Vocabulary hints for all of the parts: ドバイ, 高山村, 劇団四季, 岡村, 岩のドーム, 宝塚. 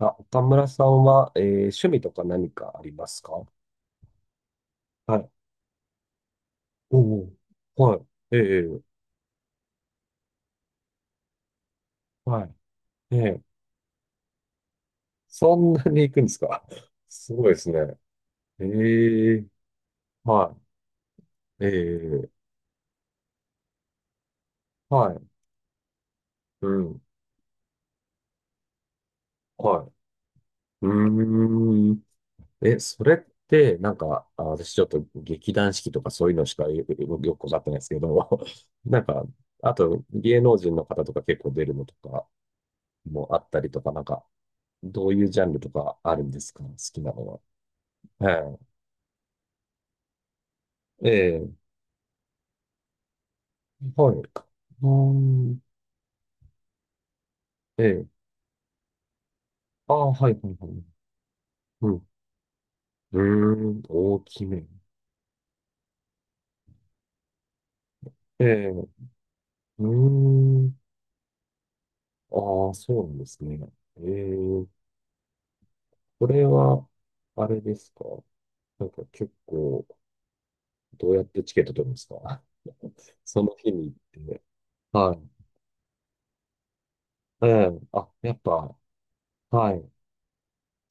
あ、岡村さんは、趣味とか何かありますか？はい。おお、はい。ええ、ええ、はい。ええ、そんなに行くんですか？ すごいですね。ええ、はい。ええ、はい。うん。はい。うーん。え、それって、なんか、あ、私ちょっと劇団四季とかそういうのしかよくわかってないですけど、なんか、あと芸能人の方とか結構出るのとかもあったりとか、なんか、どういうジャンルとかあるんですか、好きなのは？はい。ええ、はい。うーん。ええ。ああ、はい、はい、はい。うん。うーん、大きめ。ええ、うーん。ああ、そうなんですね。ええ、これは、あれですか？なんか結構、どうやってチケット取るんですか？ その日に行って。はい。ええ、あ、やっぱ、はい。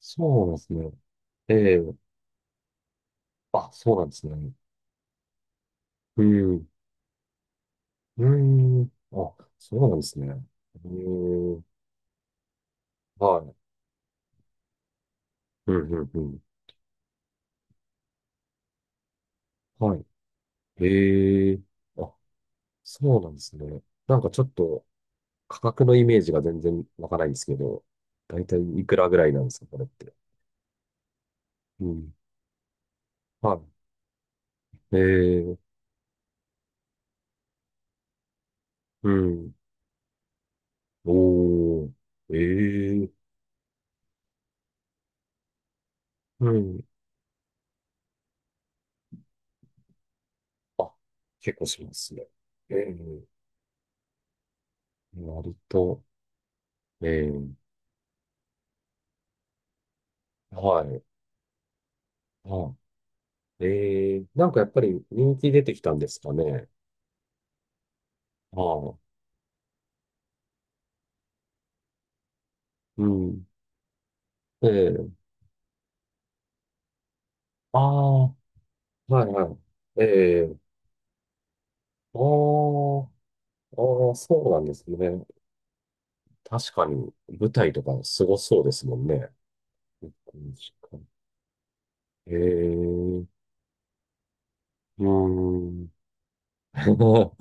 そうなんですね。ええ、あ、そうなんですね。うん。うーん。あ、そうなんですね。へえ。はい。うんうんうん。はい。へえ。あ、そうなんですね。なんかちょっと価格のイメージが全然わからないんですけど、だいたいいくらぐらいなんですか、これって？うん。はい。へえ。うん。おー。ええ。うん。あ、結構しますね。ええ。割と。ええ。はい。はい。ええ。なんかやっぱり人気出てきたんですかね？ああ、うん。ええ、ああ、はいはい。ええ、ああ、ああ、そうなんですね。確かに、舞台とかすごそうですもんね。結婚式か、ええ、うーん。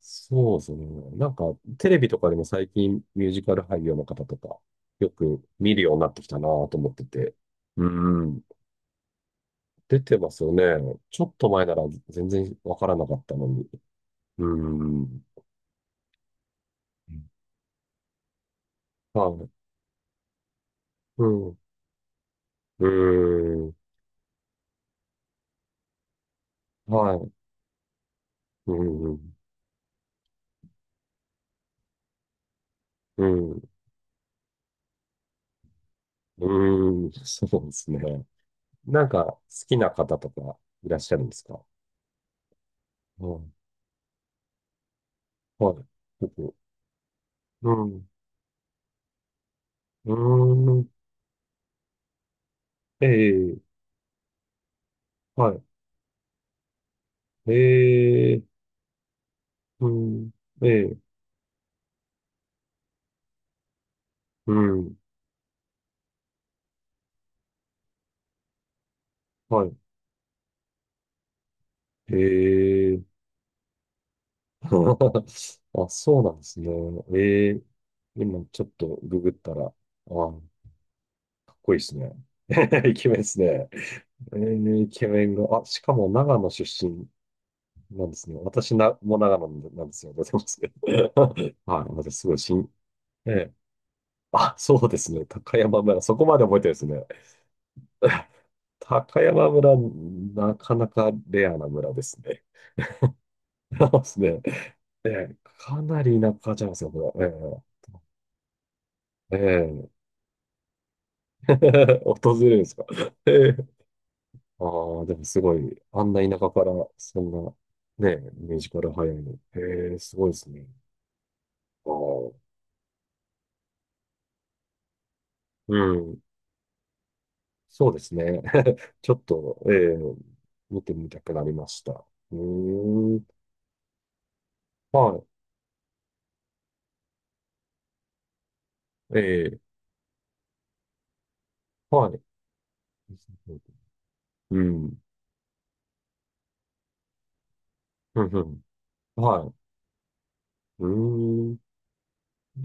そうですね。なんか、テレビとかでも最近ミュージカル俳優の方とか、よく見るようになってきたなと思ってて。うーん。出てますよね。ちょっと前なら全然わからなかったのに。うーん。はい。うん。うーん。はい。うん。うん。うん。そうですね。なんか、好きな方とかいらっしゃるんですか？うん。はい。僕。うん。うーん。ええ。はい。ええ。うん。ええ。うん。はい。ええ。あ、そうなんですね。ええ。今、ちょっとググったら、あ、かっこいいですね。イケメンですね。ええ、イケメンが、あ、しかも長野出身なんですね。私な、もう長野なんですよ。出てますけど。はい、私すごい新、ええ、あ、そうですね。高山村、そこまで覚えてるんですね。高山村、なかなかレアな村ですね。そうですね。ええ、かなり田舎じゃないですか、これ？ええ、ええ、 訪れるんですか？ええ、ああ、でもすごい、あんな田舎から、そんな、ね、ミュージカル早いの。ええ、すごいですね。ああ。うん。そうですね。ちょっと、見てみたくなりました。うーん。はい。はい。うん。うん、うん。はい。うーん。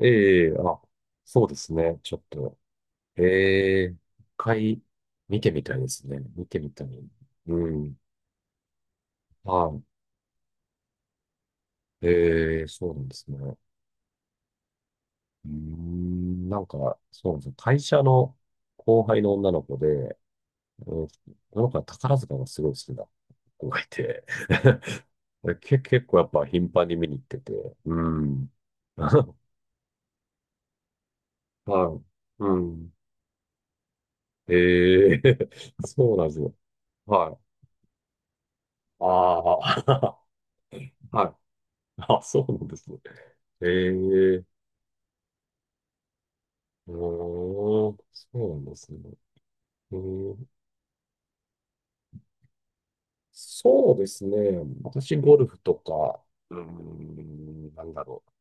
ええ、あ、そうですね。ちょっと、ええ、一回見てみたいですね。見てみたい。うん。はい。ええ、そうなんですね。うーん。なんか、そうなんですよ。会社の後輩の女の子で、うん、僕は宝塚がすごい好きな子がいて、結構やっぱ頻繁に見に行ってて、うん。はい。うん。ええ そうなんですよ。はい。ああ、はい。あ、そうなんですね。ええ、うーん、そうなんですね。うん、そうですね。私、ゴルフとか、うーん、なんだろう。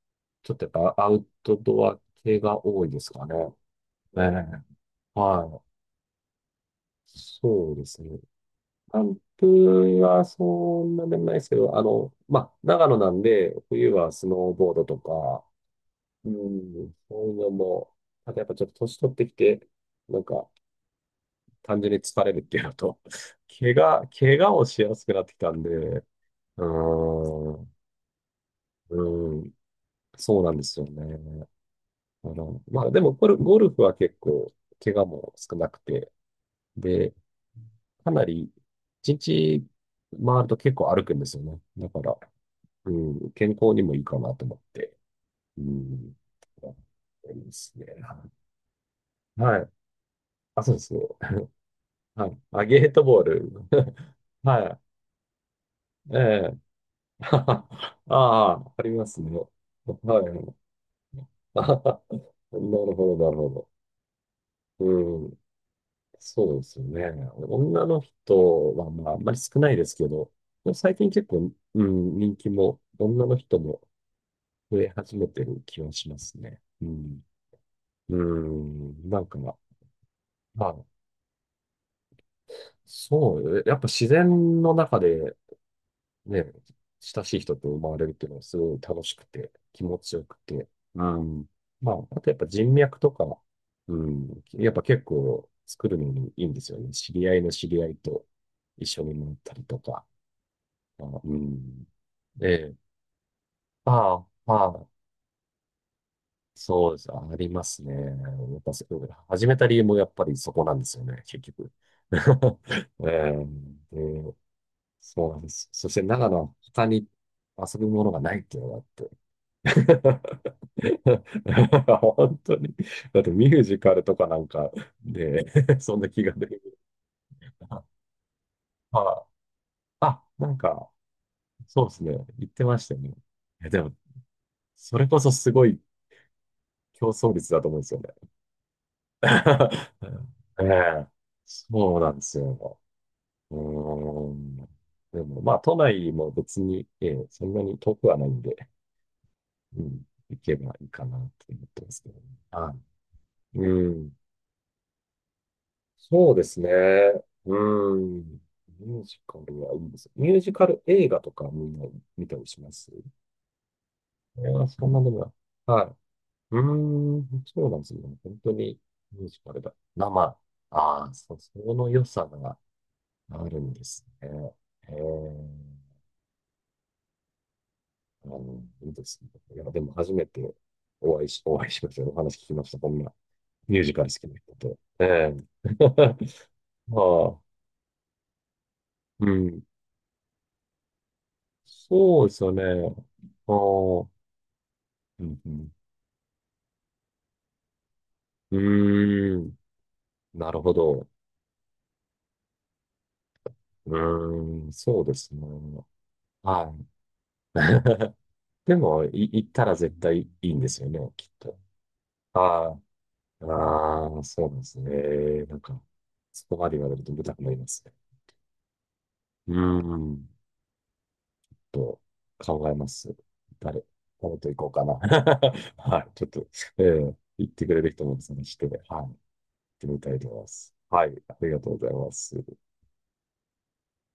ちょっとやっぱアウトドア系が多いですかね。ええ、はい。そうですね。関東はそんなでもないですけど、あの、まあ、長野なんで、冬はスノーボードとか、うん、そういうのも、あとやっぱちょっと年取ってきて、なんか、単純に疲れるっていうのと、怪我をしやすくなってきたんで、うーん、うん、そうなんですよね。あの、まあ、でも、ゴルフは結構、怪我も少なくて、で、かなり、一日回ると結構歩くんですよね。だから、うん、健康にもいいかなと思って。うん。やってますね。はい。あ、そうですね。はい。あ、ゲートボール。はい。ええ。ああ、ありますね。はい。あはは、なるほど、なるほど。うん。そうですよね。女の人は、まあ、あんまり少ないですけど、最近結構、うん、人気も、女の人も増え始めてる気はしますね。うん。うん。なんか、まあ、そう、やっぱ自然の中でね、親しい人と生まれるっていうのはすごい楽しくて、気持ちよくて。うん。まあ、あとやっぱ人脈とか、うん。やっぱ結構作るのにいいんですよね。知り合いの知り合いと一緒になったりとか。あ、うん。ええ。ああ、ああ。そうです。ありますね。やっぱそ始めた理由もやっぱりそこなんですよね、結局。えで、そうなんです。そして長野は他に遊ぶものがないっていうのがあって。本当に。だってミュージカルとかなんかで、そんな気が出るな。あ、なんか、そうですね。言ってましたよね。え、でも、それこそすごい競争率だと思うんですよね。ええ、そうなんですよ。うーん。でも、まあ、都内も別に、ええ、そんなに遠くはないんで、うん、行けばいいかなって思ってますけどね。はい。うん。そうですね。うん。ミュージカルはいいです。ミュージカル映画とかみんな見たりします？えそんなのが。はい。うーん、そうなんですね。本当にミュージカルだ。生。ああ、その良さがあるんですね。えー、あの、いいですね。いや、でも初めてお会いしましたよ。お話聞きました。こんなミュージカル好きな人と。ええ まあ、うん。そうですよね。ああ、うんうん。うーん。なるほど。うーん。そうですね。はい。でも、行ったら絶対いいんですよね、きっと。ああ、ああ、そうなんですね。なんか、そこまで言われると見たくなりますね。うーん。と考えます。誰、誰と行こうかな。はい。ちょっと、言ってくれる人も探して、はい。行ってみたいと思います。はい。ありがとうございます。